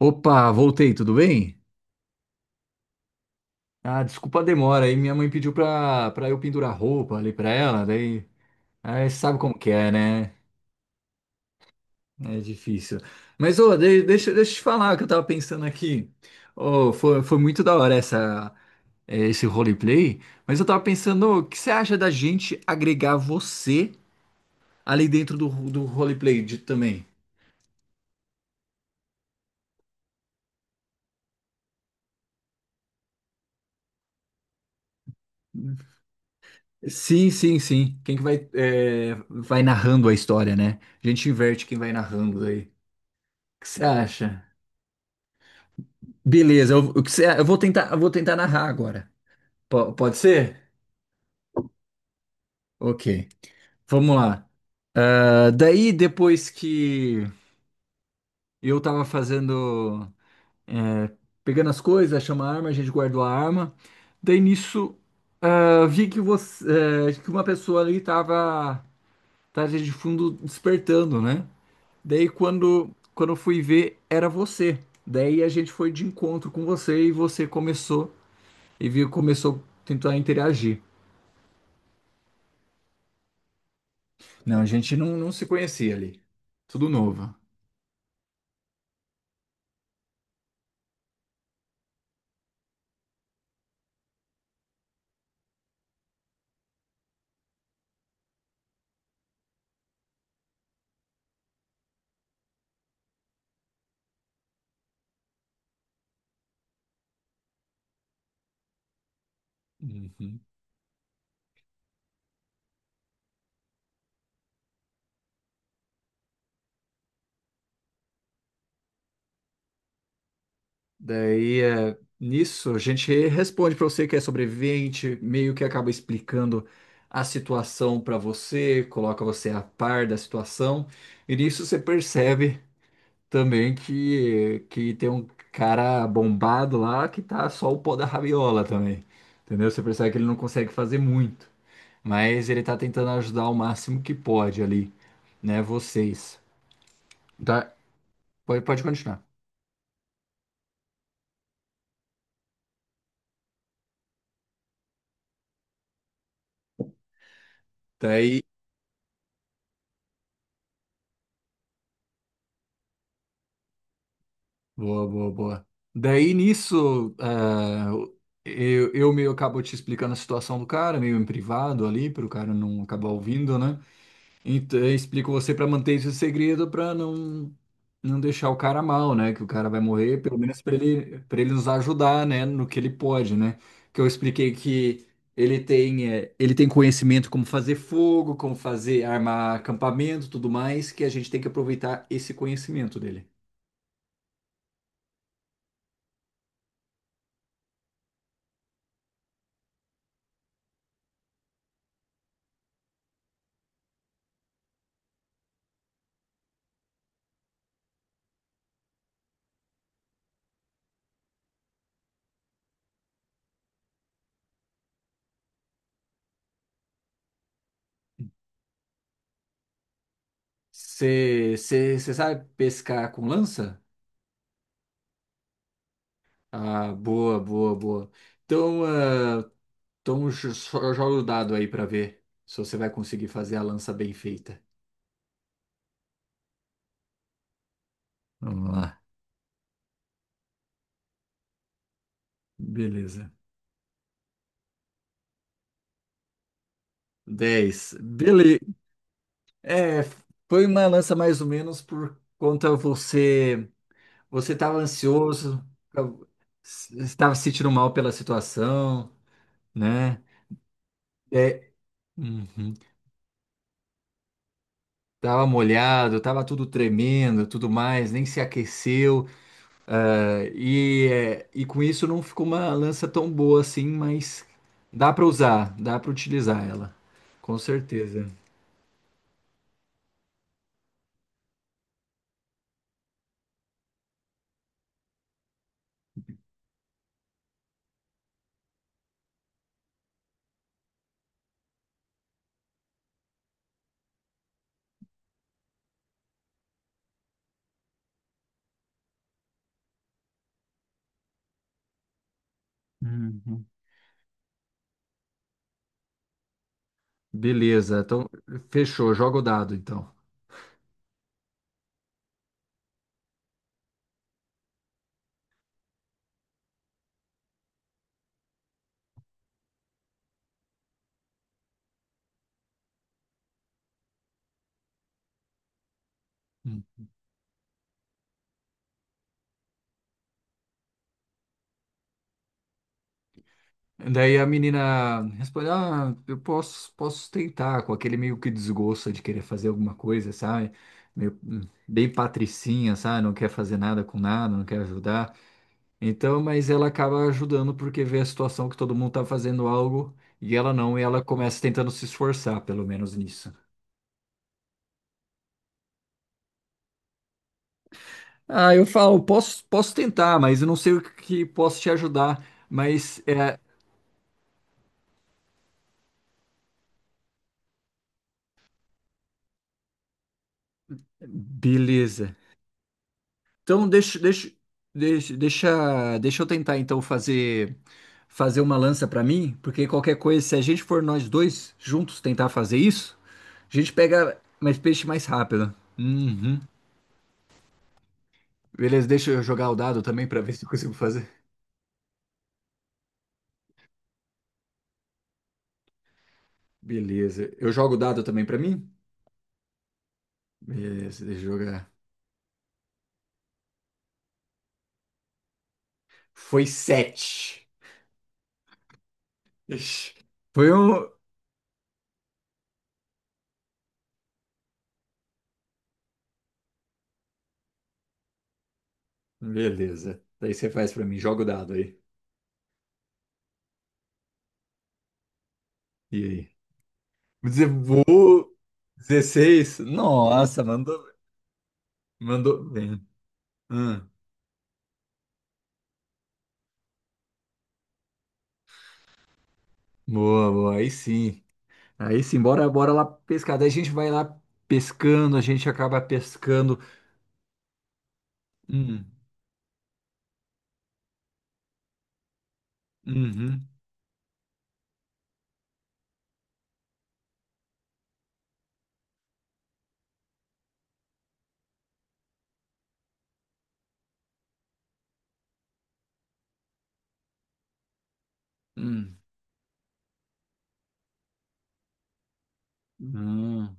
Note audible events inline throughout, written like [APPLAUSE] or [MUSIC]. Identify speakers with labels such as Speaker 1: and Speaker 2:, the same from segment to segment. Speaker 1: Opa, voltei, tudo bem? Ah, desculpa a demora aí, minha mãe pediu pra eu pendurar roupa ali pra ela, daí, aí você sabe como que é, né? É difícil. Mas, ô, deixa eu te falar o que eu tava pensando aqui. Ô, foi muito da hora essa, esse roleplay, mas eu tava pensando, o que você acha da gente agregar você ali dentro do roleplay de, também? Sim, sim, sim. Quem que vai, vai narrando a história, né? A gente inverte quem vai narrando aí. O que você acha? Beleza, eu, o que você- eu vou tentar narrar agora. Pode ser? Ok, vamos lá. Ah, daí, depois que eu tava fazendo, é, pegando as coisas, achamos a arma, a gente guardou a arma. Daí nisso, ah, vi que você, que uma pessoa ali tava de fundo despertando, né? Daí quando eu fui ver, era você. Daí a gente foi de encontro com você e você começou e viu, começou a tentar interagir. Não, a gente não se conhecia ali. Tudo novo. Uhum. Daí, é, nisso, a gente responde para você que é sobrevivente, meio que acaba explicando a situação para você, coloca você a par da situação, e nisso você percebe também que tem um cara bombado lá que tá só o pó da rabiola também, entendeu? Você percebe que ele não consegue fazer muito, mas ele tá tentando ajudar o máximo que pode ali, né, vocês. Tá? Pode, pode continuar. Daí, boa, boa, boa. Daí nisso, ah, eu meio acabo te explicando a situação do cara, meio em privado ali, para o cara não acabar ouvindo, né? Então, eu explico você para manter esse segredo, para não deixar o cara mal, né? Que o cara vai morrer, pelo menos para ele nos ajudar, né? No que ele pode, né? Que eu expliquei que ele tem, ele tem conhecimento como fazer fogo, como fazer armar acampamento, tudo mais, que a gente tem que aproveitar esse conhecimento dele. Você sabe pescar com lança? Ah, boa, boa, boa. Então, ah, então joga o dado aí pra ver se você vai conseguir fazer a lança bem feita. Vamos lá. Beleza. 10. Beleza. É, foi uma lança mais ou menos por conta você estava ansioso, estava se sentindo mal pela situação, né? É, uhum. Tava molhado, tava tudo tremendo, tudo mais, nem se aqueceu, ah, e, é, e com isso não ficou uma lança tão boa assim, mas dá para usar, dá para utilizar ela, com certeza. Uhum. Beleza, então fechou, joga o dado então. Hum. Daí a menina responde: ah, eu posso, posso tentar, com aquele meio que desgosto de querer fazer alguma coisa, sabe? Meio, bem patricinha, sabe? Não quer fazer nada com nada, não quer ajudar. Então, mas ela acaba ajudando porque vê a situação que todo mundo tá fazendo algo e ela não, e ela começa tentando se esforçar, pelo menos nisso. Ah, eu falo, posso, posso tentar, mas eu não sei o que posso te ajudar, mas é, beleza. Então, deixa eu tentar então fazer uma lança pra mim, porque qualquer coisa, se a gente for nós dois juntos tentar fazer isso, a gente pega mais peixe mais rápido. Uhum. Beleza, deixa eu jogar o dado também pra ver se eu consigo fazer. Beleza. Eu jogo o dado também pra mim? Beleza, deixa eu jogar. Foi sete. Ixi, foi um. Beleza. Daí você faz pra mim, joga o dado aí. E aí? Vou dizer, vou. 16. Nossa, mandou, mandou bem. Hum, boa, boa. Aí sim. Aí sim, bora, bora lá pescar. Daí a gente vai lá pescando, a gente acaba pescando. Hum, uhum, hum, hum.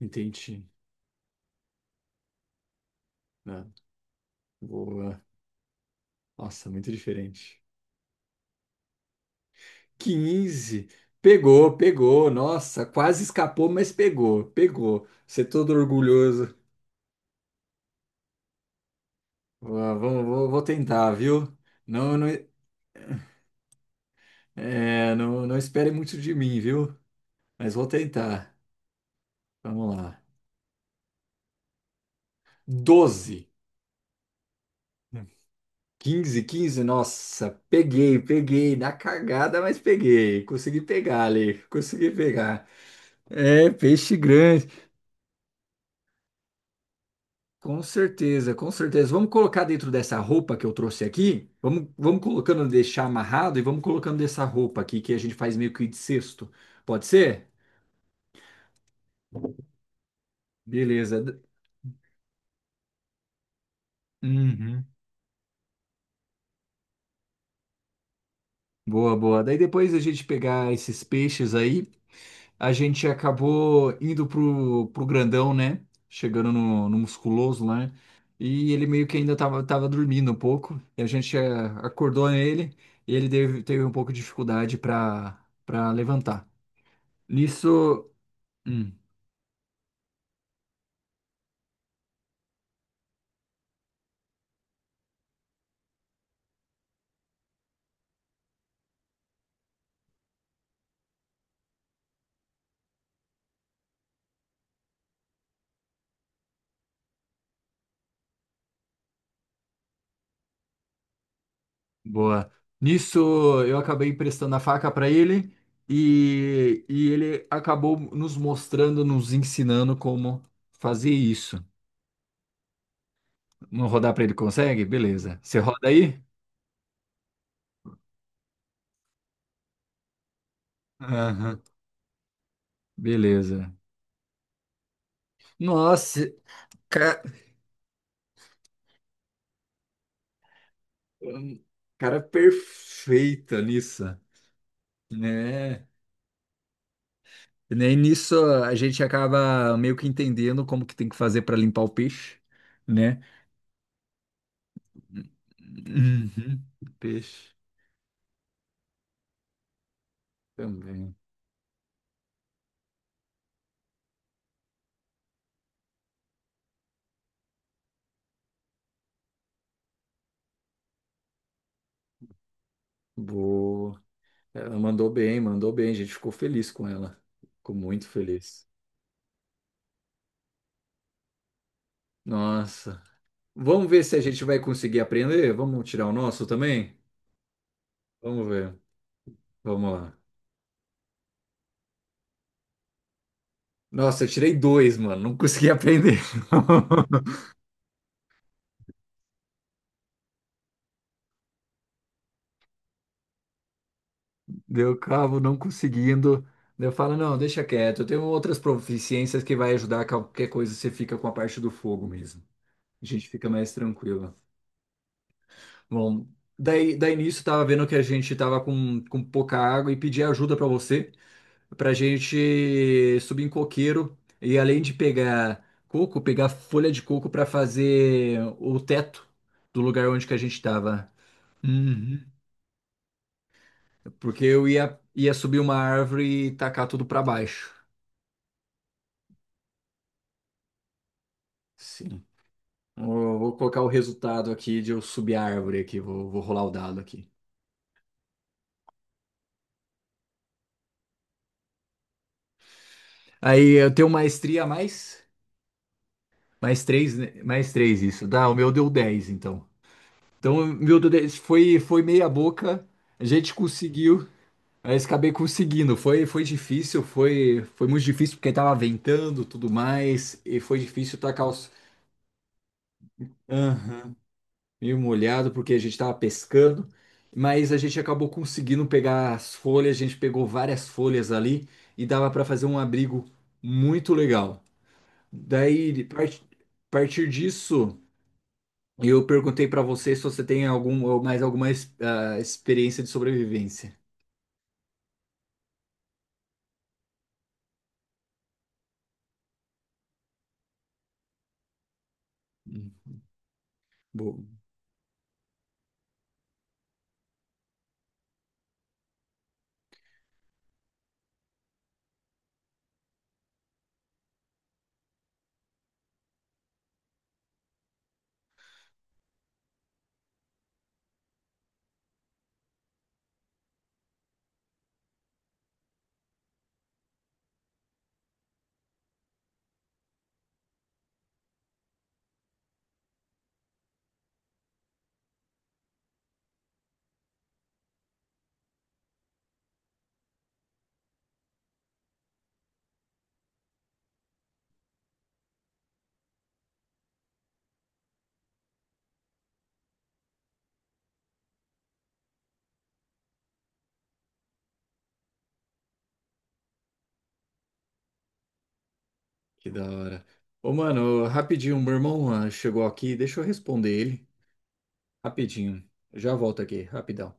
Speaker 1: Entendi. Tá. Boa. Nossa, muito diferente. 15. Pegou, pegou. Nossa, quase escapou, mas pegou, pegou. Você é todo orgulhoso. Vou tentar, viu? Não, não, é, não, não espere muito de mim, viu? Mas vou tentar. Vamos lá. 12. 15. 15, nossa, peguei, peguei, na cagada, mas peguei, consegui pegar ali, consegui pegar. É, peixe grande. Com certeza, com certeza. Vamos colocar dentro dessa roupa que eu trouxe aqui. Vamos, vamos colocando, deixar amarrado e vamos colocando dessa roupa aqui que a gente faz meio que de cesto. Pode ser? Beleza. D- Uhum. Boa, boa. Daí depois a gente pegar esses peixes aí, a gente acabou indo pro grandão, né? Chegando no musculoso lá, né? E ele meio que ainda tava dormindo um pouco. E a gente acordou ele e ele teve um pouco de dificuldade para levantar. Nisso, hum, boa. Nisso eu acabei emprestando a faca para ele e ele acabou nos mostrando, nos ensinando como fazer isso. Vamos rodar para ele, consegue? Beleza. Você roda aí? Aham. Beleza. Nossa, ca- cara, perfeita nisso, né? E nem nisso a gente acaba meio que entendendo como que tem que fazer para limpar o peixe, né? Uhum. Peixe. Também. Boa. Ela mandou bem, mandou bem. A gente ficou feliz com ela. Ficou muito feliz. Nossa. Vamos ver se a gente vai conseguir aprender. Vamos tirar o nosso também? Vamos ver. Vamos lá. Nossa, eu tirei dois, mano. Não consegui aprender. [LAUGHS] Deu cabo, não conseguindo. Daí eu falo, não, deixa quieto. Eu tenho outras proficiências que vai ajudar qualquer coisa. Você fica com a parte do fogo mesmo. A gente fica mais tranquilo. Bom, daí nisso tava vendo que a gente tava com pouca água e pedi ajuda pra você, pra gente subir em coqueiro e além de pegar coco, pegar folha de coco pra fazer o teto do lugar onde que a gente tava. Uhum. Porque eu ia subir uma árvore e tacar tudo pra baixo. Sim. Vou colocar o resultado aqui de eu subir a árvore aqui, vou rolar o dado aqui. Aí eu tenho maestria a mais? Mais três, né? Mais três, isso. Dá, o meu deu 10 então. Então, o meu deu 10. Foi, foi meia boca. A gente conseguiu, mas acabei conseguindo. Foi difícil, foi muito difícil porque tava ventando, tudo mais. E foi difícil tacar os... Aham. Meio molhado porque a gente tava pescando. Mas a gente acabou conseguindo pegar as folhas. A gente pegou várias folhas ali e dava para fazer um abrigo muito legal. Daí, a partir disso... Eu perguntei para você se você tem algum, ou mais alguma ah, experiência de sobrevivência. Hum, Bom, que da hora. Ô, mano, rapidinho, meu irmão ah, chegou aqui, deixa eu responder ele. Rapidinho. Já volto aqui, rapidão.